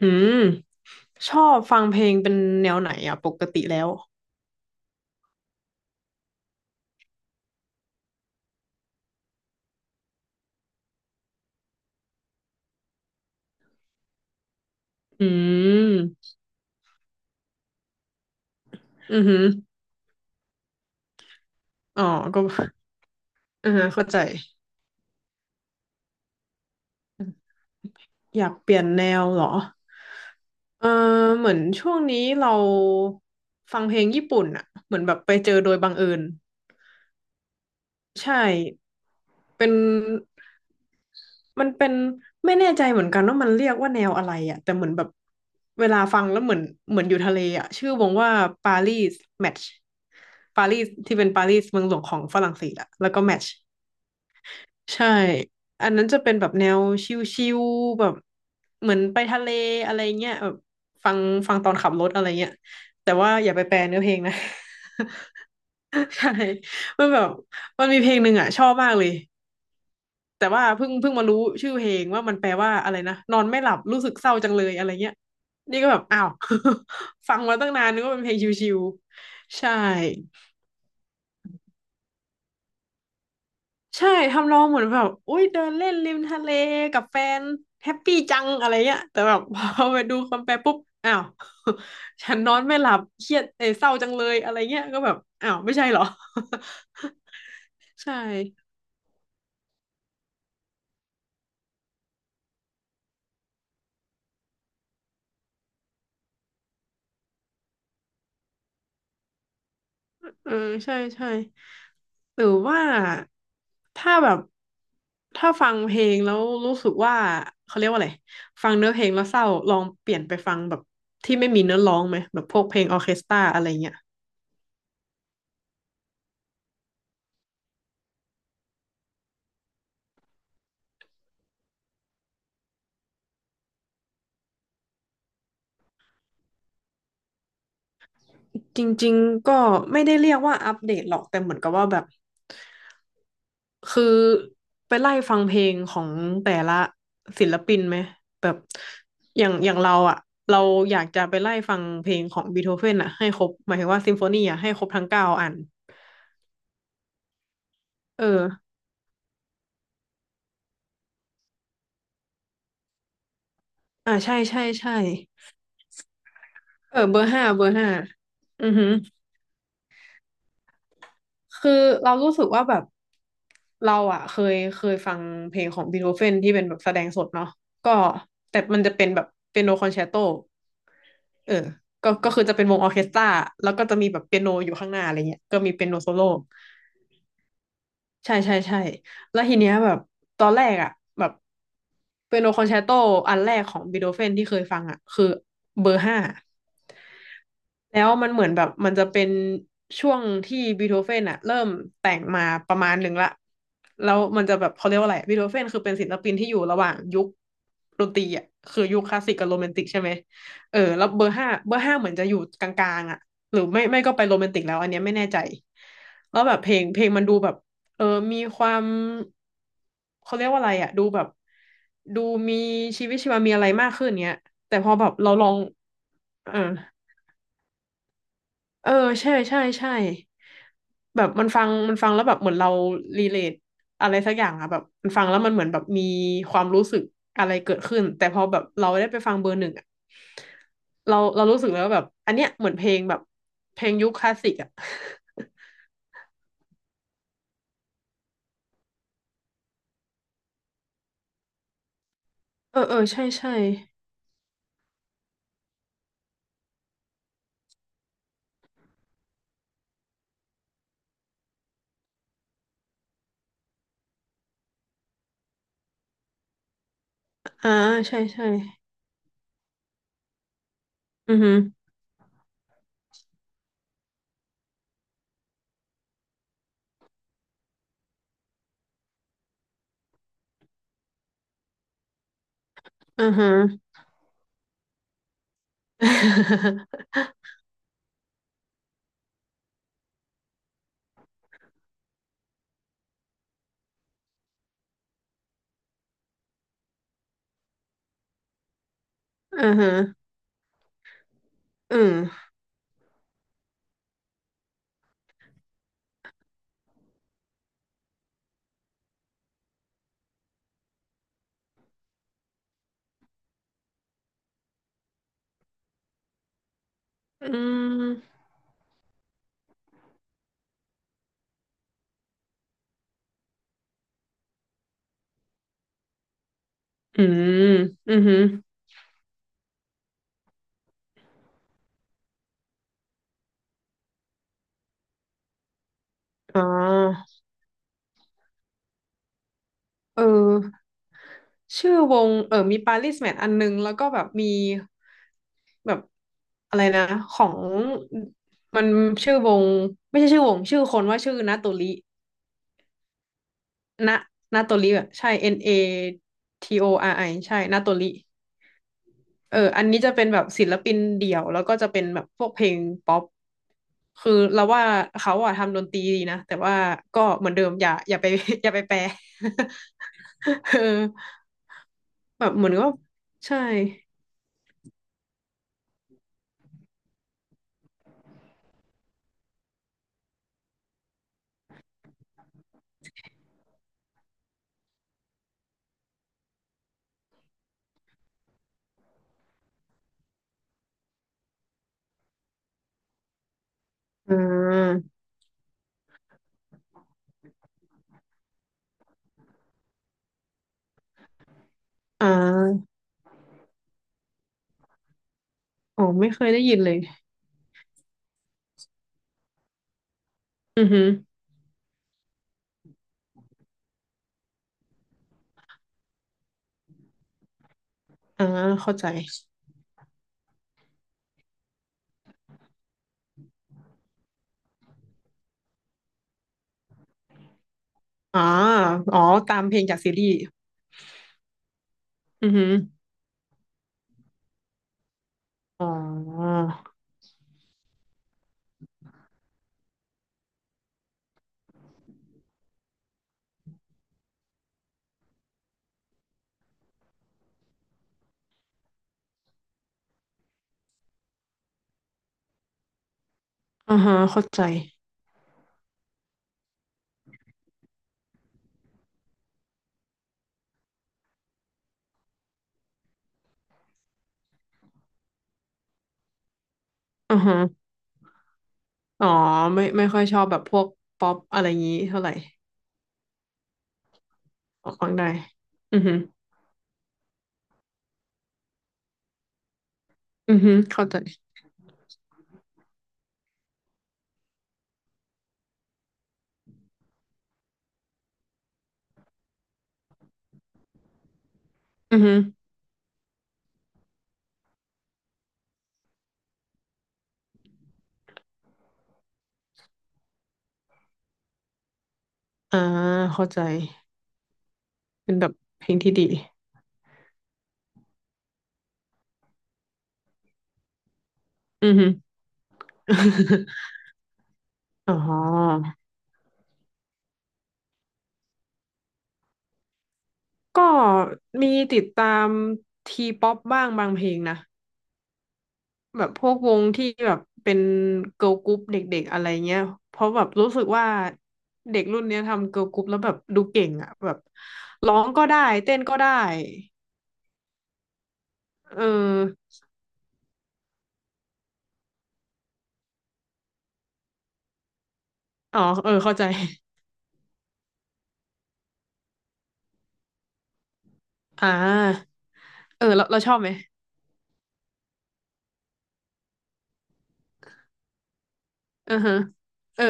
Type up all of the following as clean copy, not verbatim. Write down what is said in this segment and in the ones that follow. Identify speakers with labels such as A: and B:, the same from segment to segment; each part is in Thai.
A: อืมชอบฟังเพลงเป็นแนวไหนอ่ะปกติแล้วอืมอือหืออ๋อก็อือฮะเข้าใจอยากเปลี่ยนแนวเหรอเออเหมือนช่วงนี้เราฟังเพลงญี่ปุ่นอ่ะเหมือนแบบไปเจอโดยบังเอิญใช่เป็นมันเป็นไม่แน่ใจเหมือนกันว่ามันเรียกว่าแนวอะไรอ่ะแต่เหมือนแบบเวลาฟังแล้วเหมือนอยู่ทะเลอ่ะชื่อวงว่าปารีสแมทช์ปารีสที่เป็นปารีสเมืองหลวงของฝรั่งเศสอ่ะแล้วก็แมทช์ ใช่ อันนั้นจะเป็นแบบแนวชิลๆแบบเหมือนไปทะเลอะไรเงี้ยแบบฟังฟังตอนขับรถอะไรเงี้ยแต่ว่าอย่าไปแปลเนื้อเพลงนะ ใช่มันแบบมันมีเพลงหนึ่งอ่ะชอบมากเลยแต่ว่าเพิ่งมารู้ชื่อเพลงว่ามันแปลว่าอะไรนะนอนไม่หลับรู้สึกเศร้าจังเลยอะไรเงี้ยนี่ก็แบบอ้าว ฟังมาตั้งนานนึกว่าเป็นเพลงชิวๆใช่ ใช่ทำนองเหมือนแบบอุ้ยเดินเล่นริมทะเลกับแฟนแฮปปี้จังอะไรเงี้ยแต่แบบ พอไปดูคำแปลปุ๊บอ้าว ฉันนอนไม่หลับเครียดเอยเศร้าจังเลยอะไรเงี้ยก็แบบอ้าวไม่ใช่เหรอ ใช่เออใช่ใช่หรือว่าถ้าแบบถ้าฟังเพลงแล้วรู้สึกว่าเขาเรียกว่าอะไรฟังเนื้อเพลงแล้วเศร้าลองเปลี่ยนไปฟังแบบที่ไม่มีเนื้อร้องไหมแบบพวกเพลงออร์เคสตราอะไรเงี้ย จริงๆ ก็ไม่ได้เรียกว่าอัปเดตหรอกแต่เหมือนกับว่าแบบคือไปไล่ฟังเพลงของแต่ละศิลปินไหมแบบอย่างอย่างเราอ่ะเราอยากจะไปไล่ฟังเพลงของบีโธเฟนอ่ะให้ครบหมายถึงว่าซิมโฟนีอ่ะให้ครบทั้งเก้าอันเออใช่ใช่ใช่เออเบอร์ห้าเบอร์ห้าอือหือ คือเรารู้สึกว่าแบบเราอ่ะเคยฟังเพลงของบีโธเฟนที่เป็นแบบแสดงสดเนาะก็แต่มันจะเป็นแบบเปียโนคอนแชร์โตเออก็คือจะเป็นวงออร์เคสตราแล้วก็จะมีแบบเปียโนอยู่ข้างหน้าอะไรเงี้ยก็มีเปียโนโซโล่ ใช่ใช่ใช่แล้วทีเนี้ยแบบตอนแรกอ่ะแบบเปียโนคอนแชร์โตอันแรกของบีโธเฟนที่เคยฟังอ่ะคือเบอร์ห้าแล้วมันเหมือนแบบมันจะเป็นช่วงที่บีโธเฟนอะเริ่มแต่งมาประมาณหนึ่งละแล้วมันจะแบบเขาเรียกว่าอะไรบีโธเฟนคือเป็นศิลปินที่อยู่ระหว่างยุคดนตรีอะคือยุคคลาสสิกกับโรแมนติกใช่ไหมเออแล้วเบอร์ห้าเบอร์ห้าเหมือนจะอยู่กลางๆอะหรือไม่ก็ไปโรแมนติกแล้วอันเนี้ยไม่แน่ใจแล้วแบบเพลงมันดูแบบ เออ มีความเขาเรียกว่าอะไรอะดูแบบดูมีชีวิตชีวามีอะไรมากขึ้นเนี้ยแต่พอแบบเราลองเออเออใช่ใช่ใช่แบบมันฟังแล้วแบบเหมือนเรารีเลทอะไรสักอย่างอะแบบมันฟังแล้วมันเหมือนแบบมีความรู้สึกอะไรเกิดขึ้นแต่พอแบบเราได้ไปฟังเบอร์หนึ่งอะเรารู้สึกแล้วาแบบอันเนี้ยเหมือนเพลงแบบเพลงยุคคลาสสิกอะ เออเออใช่ใช่อ่าใช่ใช่อือฮึ อือฮะ อือฮะอืมอืมอืมอือฮึอ๋อเออชื่อวงเออมีปาริสแมทอันนึงแล้วก็แบบมีแบบอะไรนะ ของมันชื่อวงไม่ใช่ชื่อวงชื่อคนว่าชื่อนาโตรินะนาโตริแบบใช่ NATORI ใช่ นาโตริ เอออันนี้จะเป็นแบบศิลปินเดี่ยวแล้วก็จะเป็นแบบพวกเพลงป๊อปคือเราว่าเขาอะทำดนตรีดีนะแต่ว่าก็เหมือนเดิมอย่าไป อย่าไปแปล เออแบบเหมือนก็ใช่อ่าอ่าอ๋อไม่เคยได้ยินเลยอือฮึอ่าเข้าใจอ่าอ๋อตามเพลงจากซีรีส์อือฮึอ๋ออ่าฮะเข้าใจอ่าฮะอ๋อไม่ค่อยชอบแบบพวกป๊อปอะไรอย่างงี้เท่าไหร่ ออกข้างได้ อือฮึอือฮึเข้าใจ อือฮึอ่าเข้าใจ เป็นแบบเพลงที่ดี อือฮึ อ๋อก็มีติดตามทีป๊อปบ้างบางเพลงนะแบบพวกวงที่แบบเป็นเกิ l g ลกรุ๊ปเด็กๆอะไรเงี้ยเพราะแบบรู้สึกว่าเด็กรุ่นเนี้ยทำเกิร์ลกรุ๊ปแล้วแบบดูเก่งอ่ะแบบร้องก็ได้เต้นก็ได้เอออ๋อเออเข้าใจอ่าเออเราชอบไหมอือฮะเออ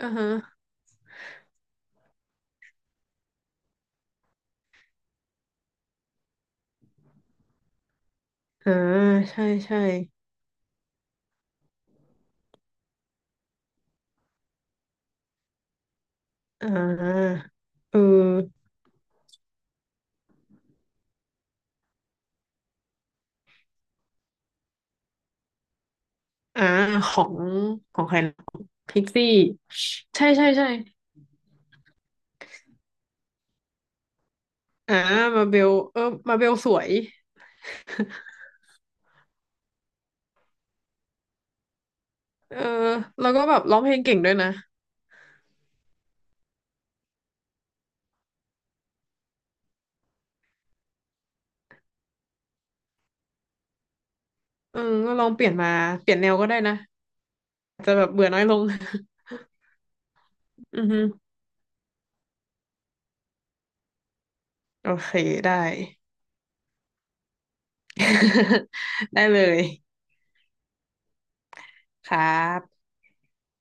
A: อ่าฮะอ่าใช่ใช่อ่าเอออ่าของของใครนะพิกซี่ใช่ใช่ใช่อ่ามาเบลเออมาเบลสวย เออแล้วก็แบบร้องเพลงเก่งด้วยนะเออก็ลองเปลี่ยนมาเปลี่ยนแนวก็ได้นะจจะแบบเบื่อน้อยลง อือฮึโอเคได้ ได้เลยครับ